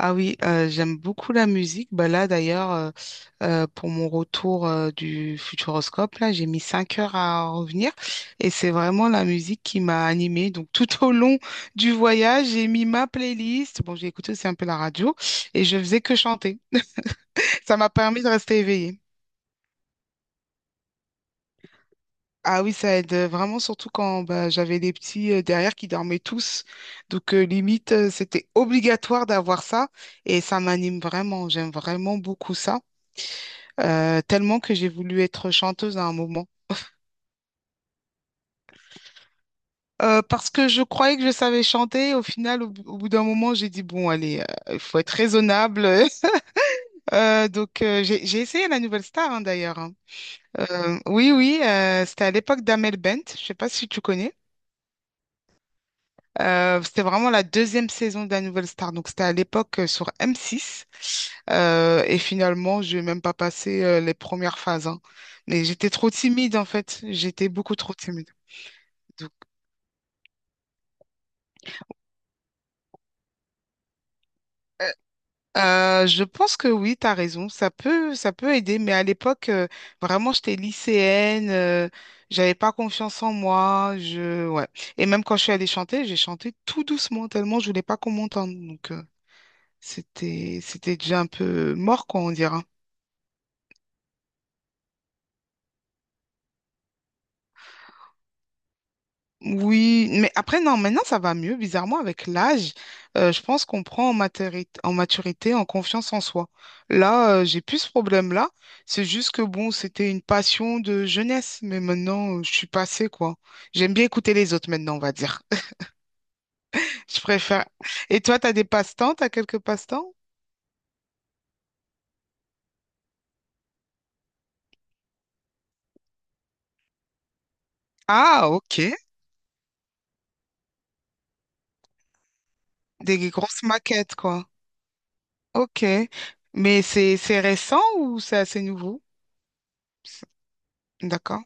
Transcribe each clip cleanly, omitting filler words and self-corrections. Ah oui, j'aime beaucoup la musique. Bah là, d'ailleurs, pour mon retour du Futuroscope, là, j'ai mis 5 heures à revenir et c'est vraiment la musique qui m'a animée. Donc, tout au long du voyage, j'ai mis ma playlist. Bon, j'ai écouté aussi un peu la radio et je faisais que chanter. Ça m'a permis de rester éveillée. Ah oui, ça aide vraiment, surtout quand bah, j'avais les petits derrière qui dormaient tous. Donc, limite, c'était obligatoire d'avoir ça et ça m'anime vraiment. J'aime vraiment beaucoup ça. Tellement que j'ai voulu être chanteuse à un moment. Parce que je croyais que je savais chanter. Au final, au bout d'un moment, j'ai dit, bon, allez, il faut être raisonnable. J'ai essayé la Nouvelle Star, hein, d'ailleurs, hein. Oui, oui, c'était à l'époque d'Amel Bent. Je sais pas si tu connais. C'était vraiment la deuxième saison de la Nouvelle Star. Donc, c'était à l'époque sur M6. Et finalement, je n'ai même pas passé les premières phases, hein. Mais j'étais trop timide, en fait. J'étais beaucoup trop timide. Donc, je pense que oui, tu as raison. Ça peut aider, mais à l'époque, vraiment, j'étais lycéenne, j'avais pas confiance en moi. Ouais. Et même quand je suis allée chanter, j'ai chanté tout doucement, tellement je voulais pas qu'on m'entende. Donc, c'était déjà un peu mort, quoi, on dirait, hein. Oui, mais après, non, maintenant ça va mieux. Bizarrement, avec l'âge, je pense qu'on prend en maturité, en confiance en soi. Là, j'ai plus ce problème-là. C'est juste que bon, c'était une passion de jeunesse, mais maintenant, je suis passée, quoi. J'aime bien écouter les autres maintenant, on va dire. Je préfère. Et toi, t'as des passe-temps? T'as quelques passe-temps? Ah, ok. Des grosses maquettes, quoi. Ok. Mais c'est récent ou c'est assez nouveau? D'accord.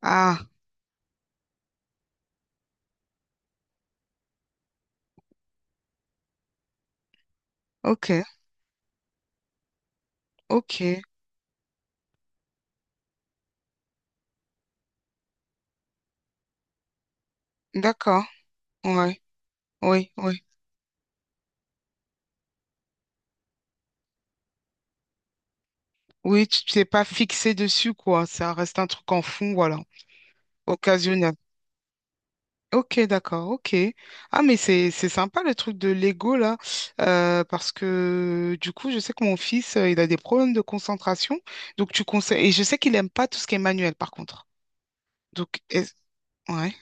Ah, ok, ok. D'accord. Ouais. Oui, oui, oui, tu t'es pas fixé dessus, quoi. Ça reste un truc en fond, voilà, occasionnel. Ok, d'accord, ok. Ah, mais c'est sympa le truc de Lego, là, parce que du coup, je sais que mon fils, il a des problèmes de concentration, donc tu conseilles, et je sais qu'il aime pas tout ce qui est manuel, par contre. Donc, est- ouais,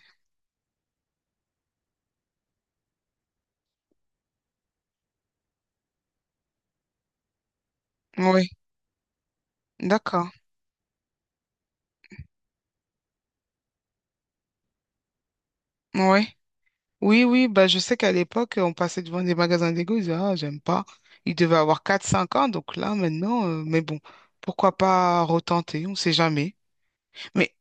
ouais, d'accord, ouais. Oui, oui, bah, je sais qu'à l'époque, on passait devant des magasins d'ego, ils disaient, ah, j'aime pas. Il devait avoir 4, 5 ans, donc là, maintenant, mais bon, pourquoi pas retenter, on sait jamais. Mais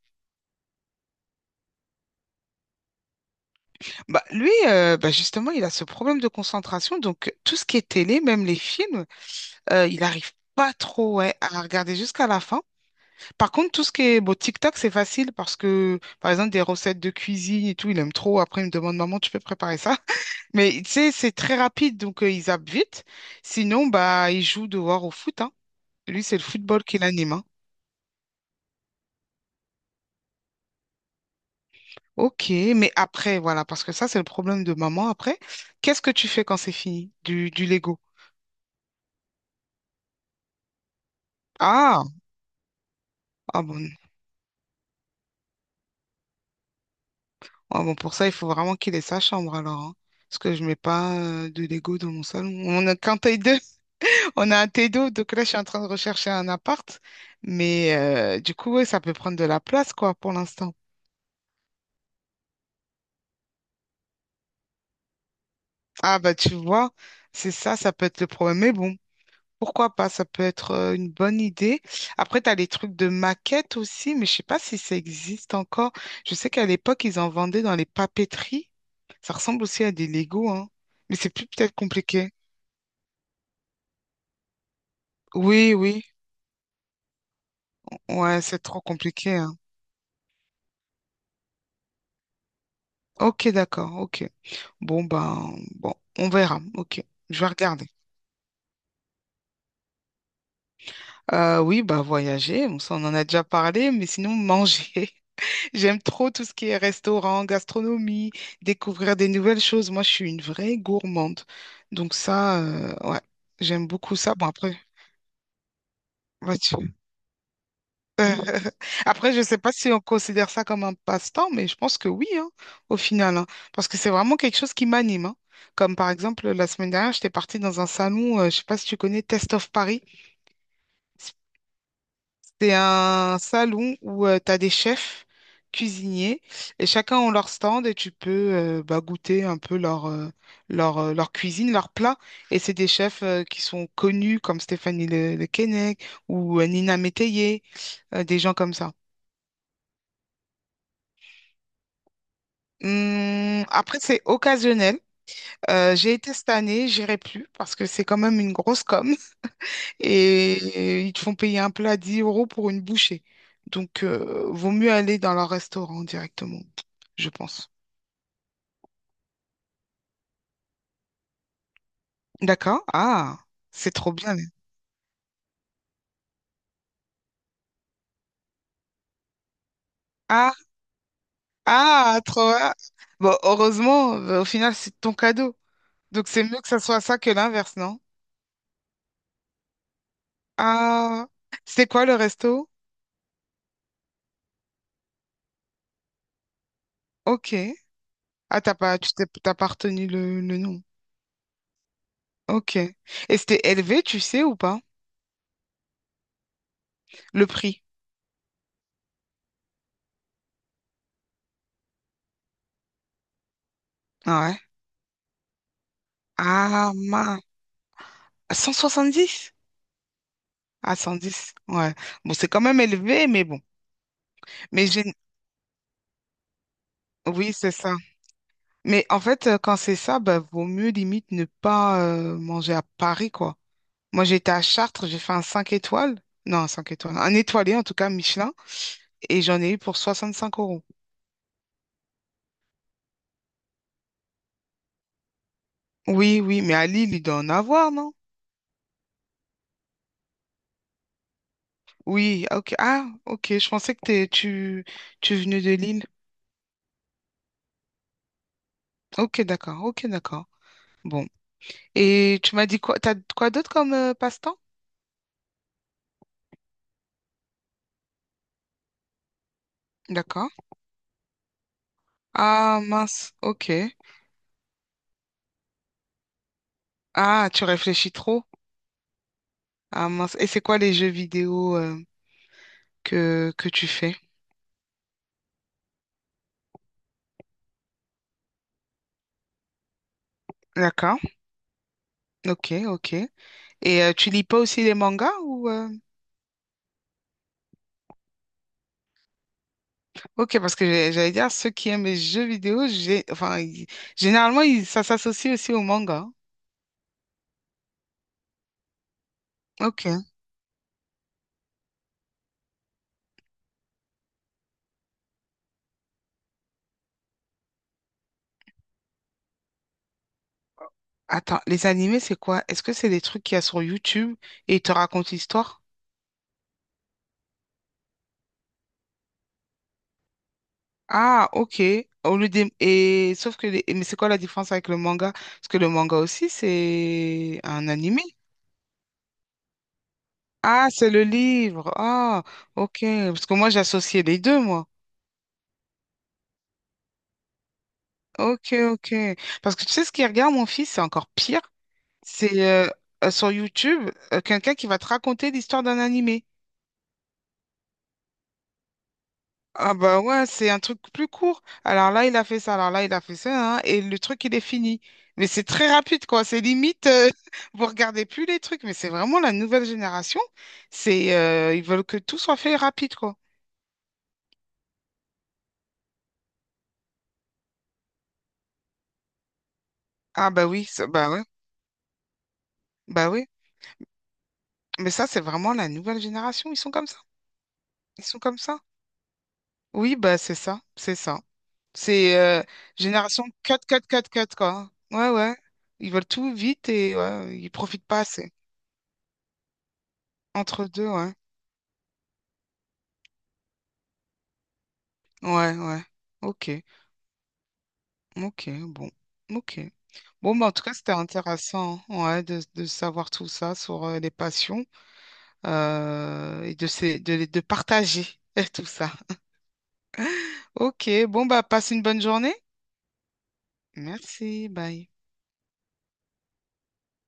bah, lui, bah, justement, il a ce problème de concentration, donc tout ce qui est télé, même les films, il arrive pas trop ouais, à regarder jusqu'à la fin. Par contre, tout ce qui est bon, TikTok, c'est facile parce que, par exemple, des recettes de cuisine et tout, il aime trop. Après, il me demande, maman, tu peux préparer ça? Mais tu sais, c'est très rapide, donc ils zappent vite. Sinon, bah, ils jouent dehors au foot, hein. Lui, c'est le football qui l'anime, hein. Ok, mais après, voilà, parce que ça, c'est le problème de maman après. Qu'est-ce que tu fais quand c'est fini? Du Lego. Ah, ah bon. Ah bon, pour ça, il faut vraiment qu'il ait sa chambre alors, hein. Parce que je mets pas de Lego dans mon salon. On a qu'un taille deux, on a un t deux, donc là, je suis en train de rechercher un appart. Mais du coup, ouais, ça peut prendre de la place, quoi, pour l'instant. Ah bah tu vois, c'est ça, ça peut être le problème. Mais bon, pourquoi pas, ça peut être une bonne idée. Après, tu as les trucs de maquettes aussi, mais je sais pas si ça existe encore. Je sais qu'à l'époque, ils en vendaient dans les papeteries. Ça ressemble aussi à des Lego, hein. Mais c'est plus peut-être compliqué. Oui, oui, ouais, c'est trop compliqué, hein. Ok, d'accord, ok. Bon, ben, bon, on verra, ok. Je vais regarder. Oui, bah voyager, bon, ça on en a déjà parlé, mais sinon manger. J'aime trop tout ce qui est restaurant, gastronomie, découvrir des nouvelles choses. Moi, je suis une vraie gourmande. Donc ça, ouais, j'aime beaucoup ça. Bon, après, ouais, euh, après, je ne sais pas si on considère ça comme un passe-temps, mais je pense que oui, hein, au final, hein. Parce que c'est vraiment quelque chose qui m'anime, hein. Comme par exemple, la semaine dernière, j'étais partie dans un salon, je ne sais pas si tu connais, Test of Paris. C'est un salon où tu as des chefs cuisiniers et chacun ont leur stand et tu peux bah, goûter un peu leur cuisine, leur plat. Et c'est des chefs qui sont connus comme Stéphanie Le Keinec ou Nina Métayer, des gens comme ça. Après, c'est occasionnel. J'ai été cette année, j'irai plus parce que c'est quand même une grosse com. Et ils te font payer un plat 10 euros pour une bouchée. Donc, vaut mieux aller dans leur restaurant directement, je pense. D'accord? Ah, c'est trop bien. Ah, ah, trop bien. Bon, heureusement, bah, au final, c'est ton cadeau. Donc, c'est mieux que ça soit ça que l'inverse, non? Ah, c'était quoi le resto? Ok. Ah, t'as pas retenu le nom. Ok. Et c'était élevé, tu sais, ou pas? Le prix. Ah ouais. Ah, mince. Dix Ah, 110, ouais. Bon, c'est quand même élevé, mais bon. Mais j'ai. Oui, c'est ça. Mais en fait, quand c'est ça, bah, vaut mieux limite ne pas manger à Paris, quoi. Moi, j'étais à Chartres, j'ai fait un 5 étoiles. Non, un 5 étoiles. Un étoilé, en tout cas, Michelin. Et j'en ai eu pour 65 euros. Oui, oui, mais à Lille, il doit en avoir, non? Oui, ah, ok. Ah, ok, je pensais que tu venais de Lille. Ok, d'accord, ok, d'accord. Bon. Et tu m'as dit quoi? T'as quoi d'autre comme passe-temps? D'accord. Ah mince, ok. Ah, tu réfléchis trop? Ah mince. Et c'est quoi les jeux vidéo que tu fais? D'accord. Ok, ok. Et tu lis pas aussi les mangas ou ok, parce que j'allais dire ceux qui aiment les jeux vidéo, j'ai enfin généralement ça s'associe aussi aux mangas. Ok. Attends, les animés c'est quoi? Est-ce que c'est des trucs qu'il y a sur YouTube et ils te racontent l'histoire? Ah, ok. Au lieu des. Et sauf que les. Mais c'est quoi la différence avec le manga? Parce que le manga aussi c'est un animé. Ah, c'est le livre. Ah, ok. Parce que moi, j'associais les deux, moi. Ok, ok. Parce que tu sais, ce qu'il regarde, mon fils, c'est encore pire. C'est sur YouTube, quelqu'un qui va te raconter l'histoire d'un animé. Ah bah ouais, c'est un truc plus court. Alors là, il a fait ça, alors là, il a fait ça, hein, et le truc, il est fini. Mais c'est très rapide, quoi. C'est limite, vous regardez plus les trucs, mais c'est vraiment la nouvelle génération. Ils veulent que tout soit fait rapide, quoi. Ah bah oui, bah ouais, bah oui. Mais ça, c'est vraiment la nouvelle génération. Ils sont comme ça. Ils sont comme ça. Oui, bah c'est ça. C'est ça. C'est Génération cut, cut, cut, cut, quoi. Ouais, ouais. Ils veulent tout vite et ouais, ils profitent pas assez. Entre deux, ouais. Ouais, ouais. Ok. Ok. Bon. Ok. Bon, bah, en tout cas, c'était intéressant ouais, de savoir tout ça sur les passions et de, ces- de, les- de partager tout ça. Ok. Bon, bah, passe une bonne journée. Merci. Bye.